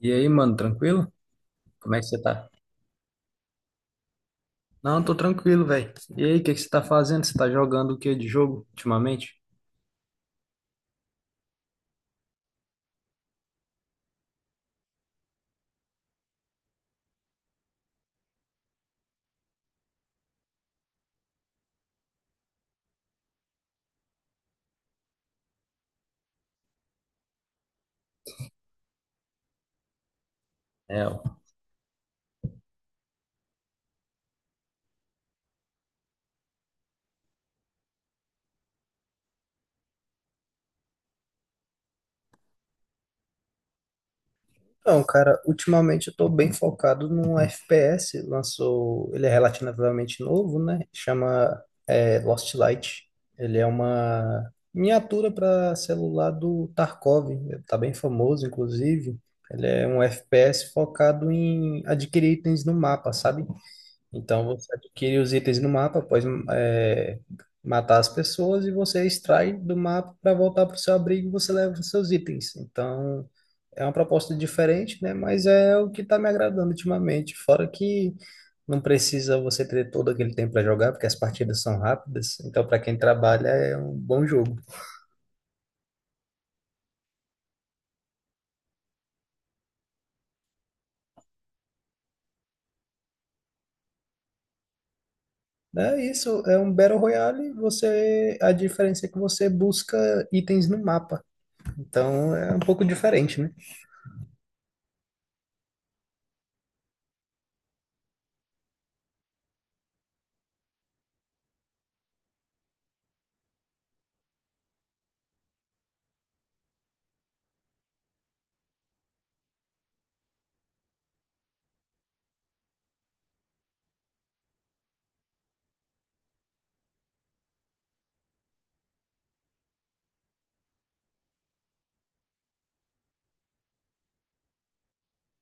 E aí, mano, tranquilo? Como é que você tá? Não, tô tranquilo, velho. E aí, o que que você tá fazendo? Você tá jogando o que de jogo ultimamente? É, ó. Então, cara, ultimamente eu tô bem focado num FPS, lançou, ele é relativamente novo, né? Chama Lost Light. Ele é uma miniatura para celular do Tarkov, tá bem famoso, inclusive. Ele é um FPS focado em adquirir itens no mapa, sabe? Então você adquire os itens no mapa após é, matar as pessoas e você extrai do mapa para voltar para o seu abrigo e você leva os seus itens. Então é uma proposta diferente, né? Mas é o que está me agradando ultimamente. Fora que não precisa você ter todo aquele tempo para jogar, porque as partidas são rápidas. Então para quem trabalha é um bom jogo. É isso, é um Battle Royale. Você, a diferença é que você busca itens no mapa. Então é um pouco diferente, né?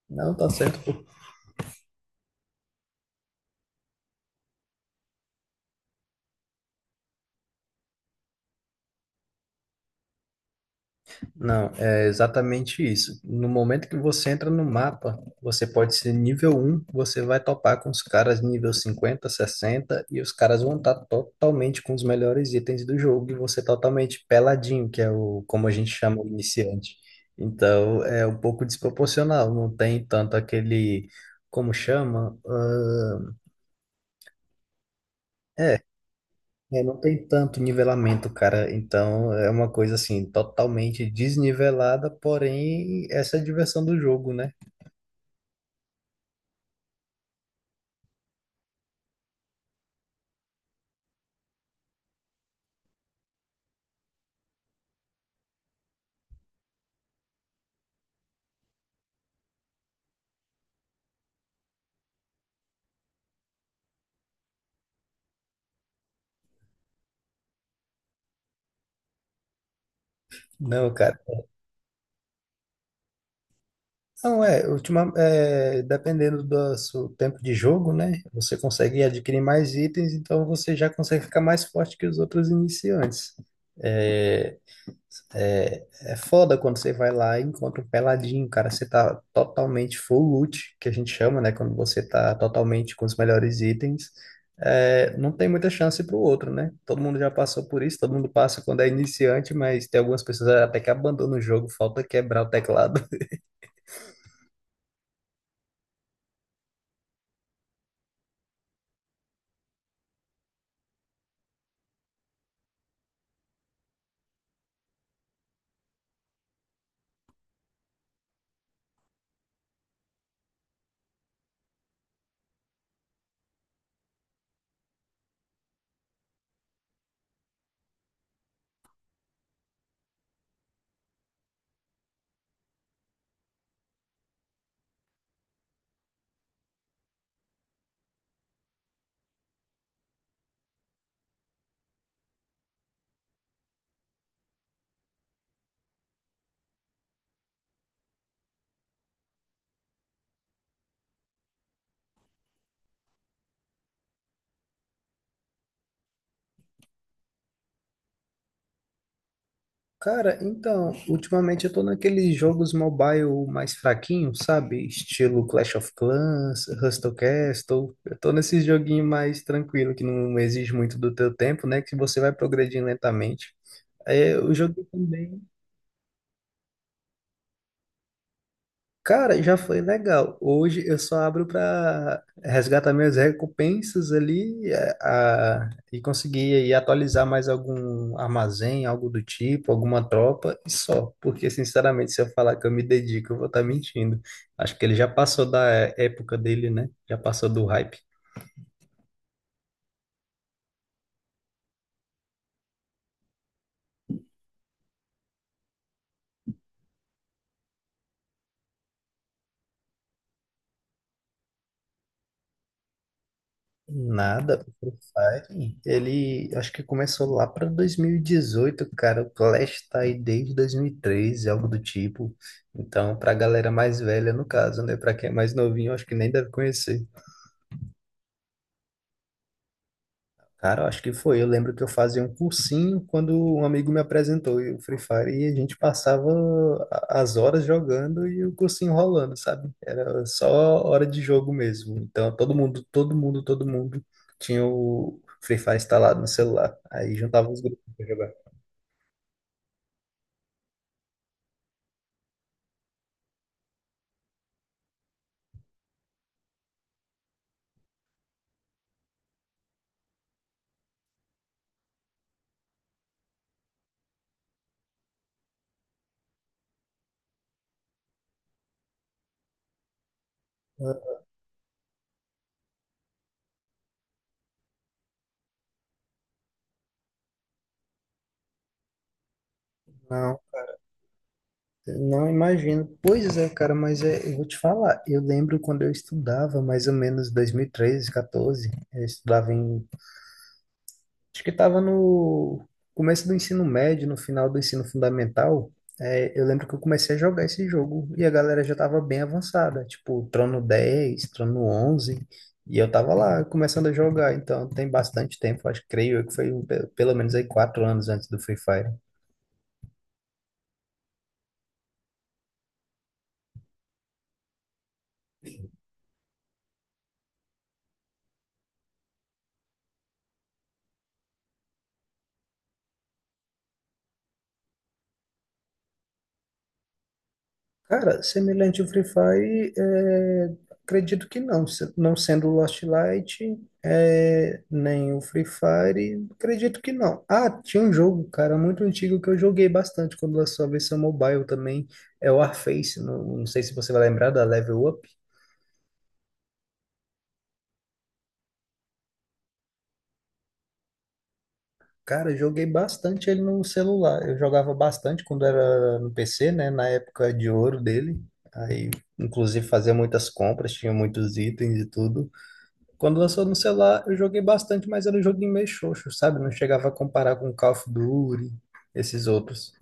Não tá certo. Não, é exatamente isso. No momento que você entra no mapa, você pode ser nível um, você vai topar com os caras nível 50, 60 e os caras vão estar totalmente com os melhores itens do jogo, e você totalmente peladinho, que é o como a gente chama o iniciante. Então, é um pouco desproporcional, não tem tanto aquele, como chama? É, não tem tanto nivelamento, cara. Então é uma coisa assim, totalmente desnivelada, porém essa é a diversão do jogo, né? Não, cara. Não, dependendo do seu tempo de jogo, né? Você consegue adquirir mais itens, então você já consegue ficar mais forte que os outros iniciantes. É, é foda quando você vai lá e encontra um peladinho, cara. Você tá totalmente full loot, que a gente chama, né? Quando você tá totalmente com os melhores itens, não tem muita chance pro outro, né? Todo mundo já passou por isso, todo mundo passa quando é iniciante, mas tem algumas pessoas até que abandonam o jogo, falta quebrar o teclado. Cara, então, ultimamente eu tô naqueles jogos mobile mais fraquinhos, sabe? Estilo Clash of Clans, Hustle Castle. Eu tô nesses joguinhos mais tranquilo, que não exige muito do teu tempo, né? Que você vai progredindo lentamente. É, o jogo também. Cara, já foi legal. Hoje eu só abro para resgatar minhas recompensas ali e conseguir aí atualizar mais algum armazém, algo do tipo, alguma tropa e só. Porque, sinceramente, se eu falar que eu me dedico, eu vou estar mentindo. Acho que ele já passou da época dele, né? Já passou do hype. Nada, o Free Fire, ele acho que começou lá para 2018, cara. O Clash tá aí desde 2013, algo do tipo. Então, pra galera mais velha, no caso, né? Pra quem é mais novinho, acho que nem deve conhecer. Cara, eu acho que foi. Eu lembro que eu fazia um cursinho quando um amigo me apresentou e o Free Fire e a gente passava as horas jogando e o cursinho rolando, sabe? Era só hora de jogo mesmo. Então todo mundo, todo mundo, todo mundo tinha o Free Fire instalado no celular. Aí juntava os grupos pra jogar. Ah, não, não imagino. Pois é, cara, mas é, eu vou te falar. Eu lembro quando eu estudava, mais ou menos 2013, 14, eu estudava. Acho que estava no começo do ensino médio, no final do ensino fundamental. É, eu lembro que eu comecei a jogar esse jogo e a galera já estava bem avançada, tipo Trono 10, Trono 11, e eu tava lá começando a jogar, então tem bastante tempo, acho, creio eu que foi um pelo menos aí 4 anos antes do Free Fire. Cara, semelhante ao Free Fire, acredito que não. Não sendo o Lost Light, nem o Free Fire, acredito que não. Ah, tinha um jogo, cara, muito antigo que eu joguei bastante quando lançou a versão mobile também. É o Warface. Não, não sei se você vai lembrar da Level Up. Cara, eu joguei bastante ele no celular. Eu jogava bastante quando era no PC, né? Na época de ouro dele. Aí, inclusive, fazia muitas compras, tinha muitos itens e tudo. Quando lançou no celular, eu joguei bastante, mas era um joguinho meio xoxo, sabe? Não chegava a comparar com Call of Duty, esses outros.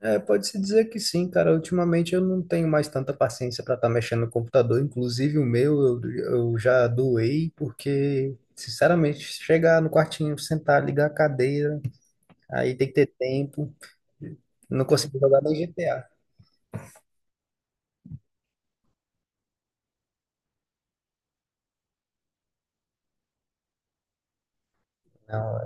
É, pode-se dizer que sim, cara. Ultimamente eu não tenho mais tanta paciência para estar mexendo no computador. Inclusive eu já doei, porque, sinceramente, chegar no quartinho, sentar, ligar a cadeira, aí tem que ter tempo. Não consigo jogar nem GTA. Não,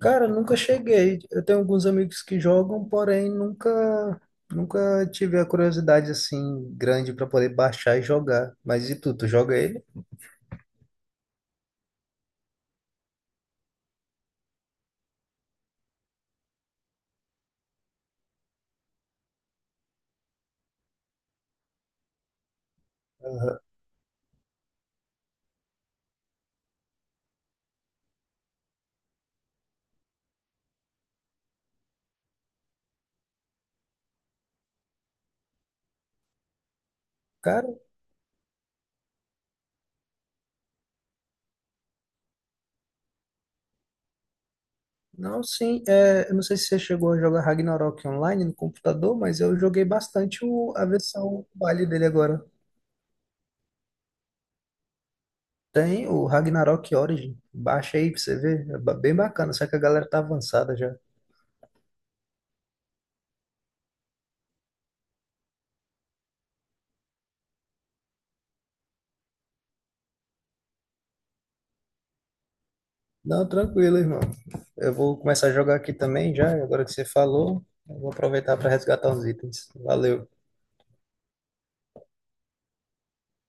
cara, nunca cheguei. Eu tenho alguns amigos que jogam, porém nunca tive a curiosidade assim grande para poder baixar e jogar. Mas e tu joga ele? Aham. Cara, não, sim, eu não sei se você chegou a jogar Ragnarok online no computador, mas eu joguei bastante o, a versão mobile dele agora. Tem o Ragnarok Origin, baixa aí pra você ver, é bem bacana, só que a galera tá avançada já. Não, tranquilo, irmão. Eu vou começar a jogar aqui também já, agora que você falou, eu vou aproveitar para resgatar uns itens. Valeu.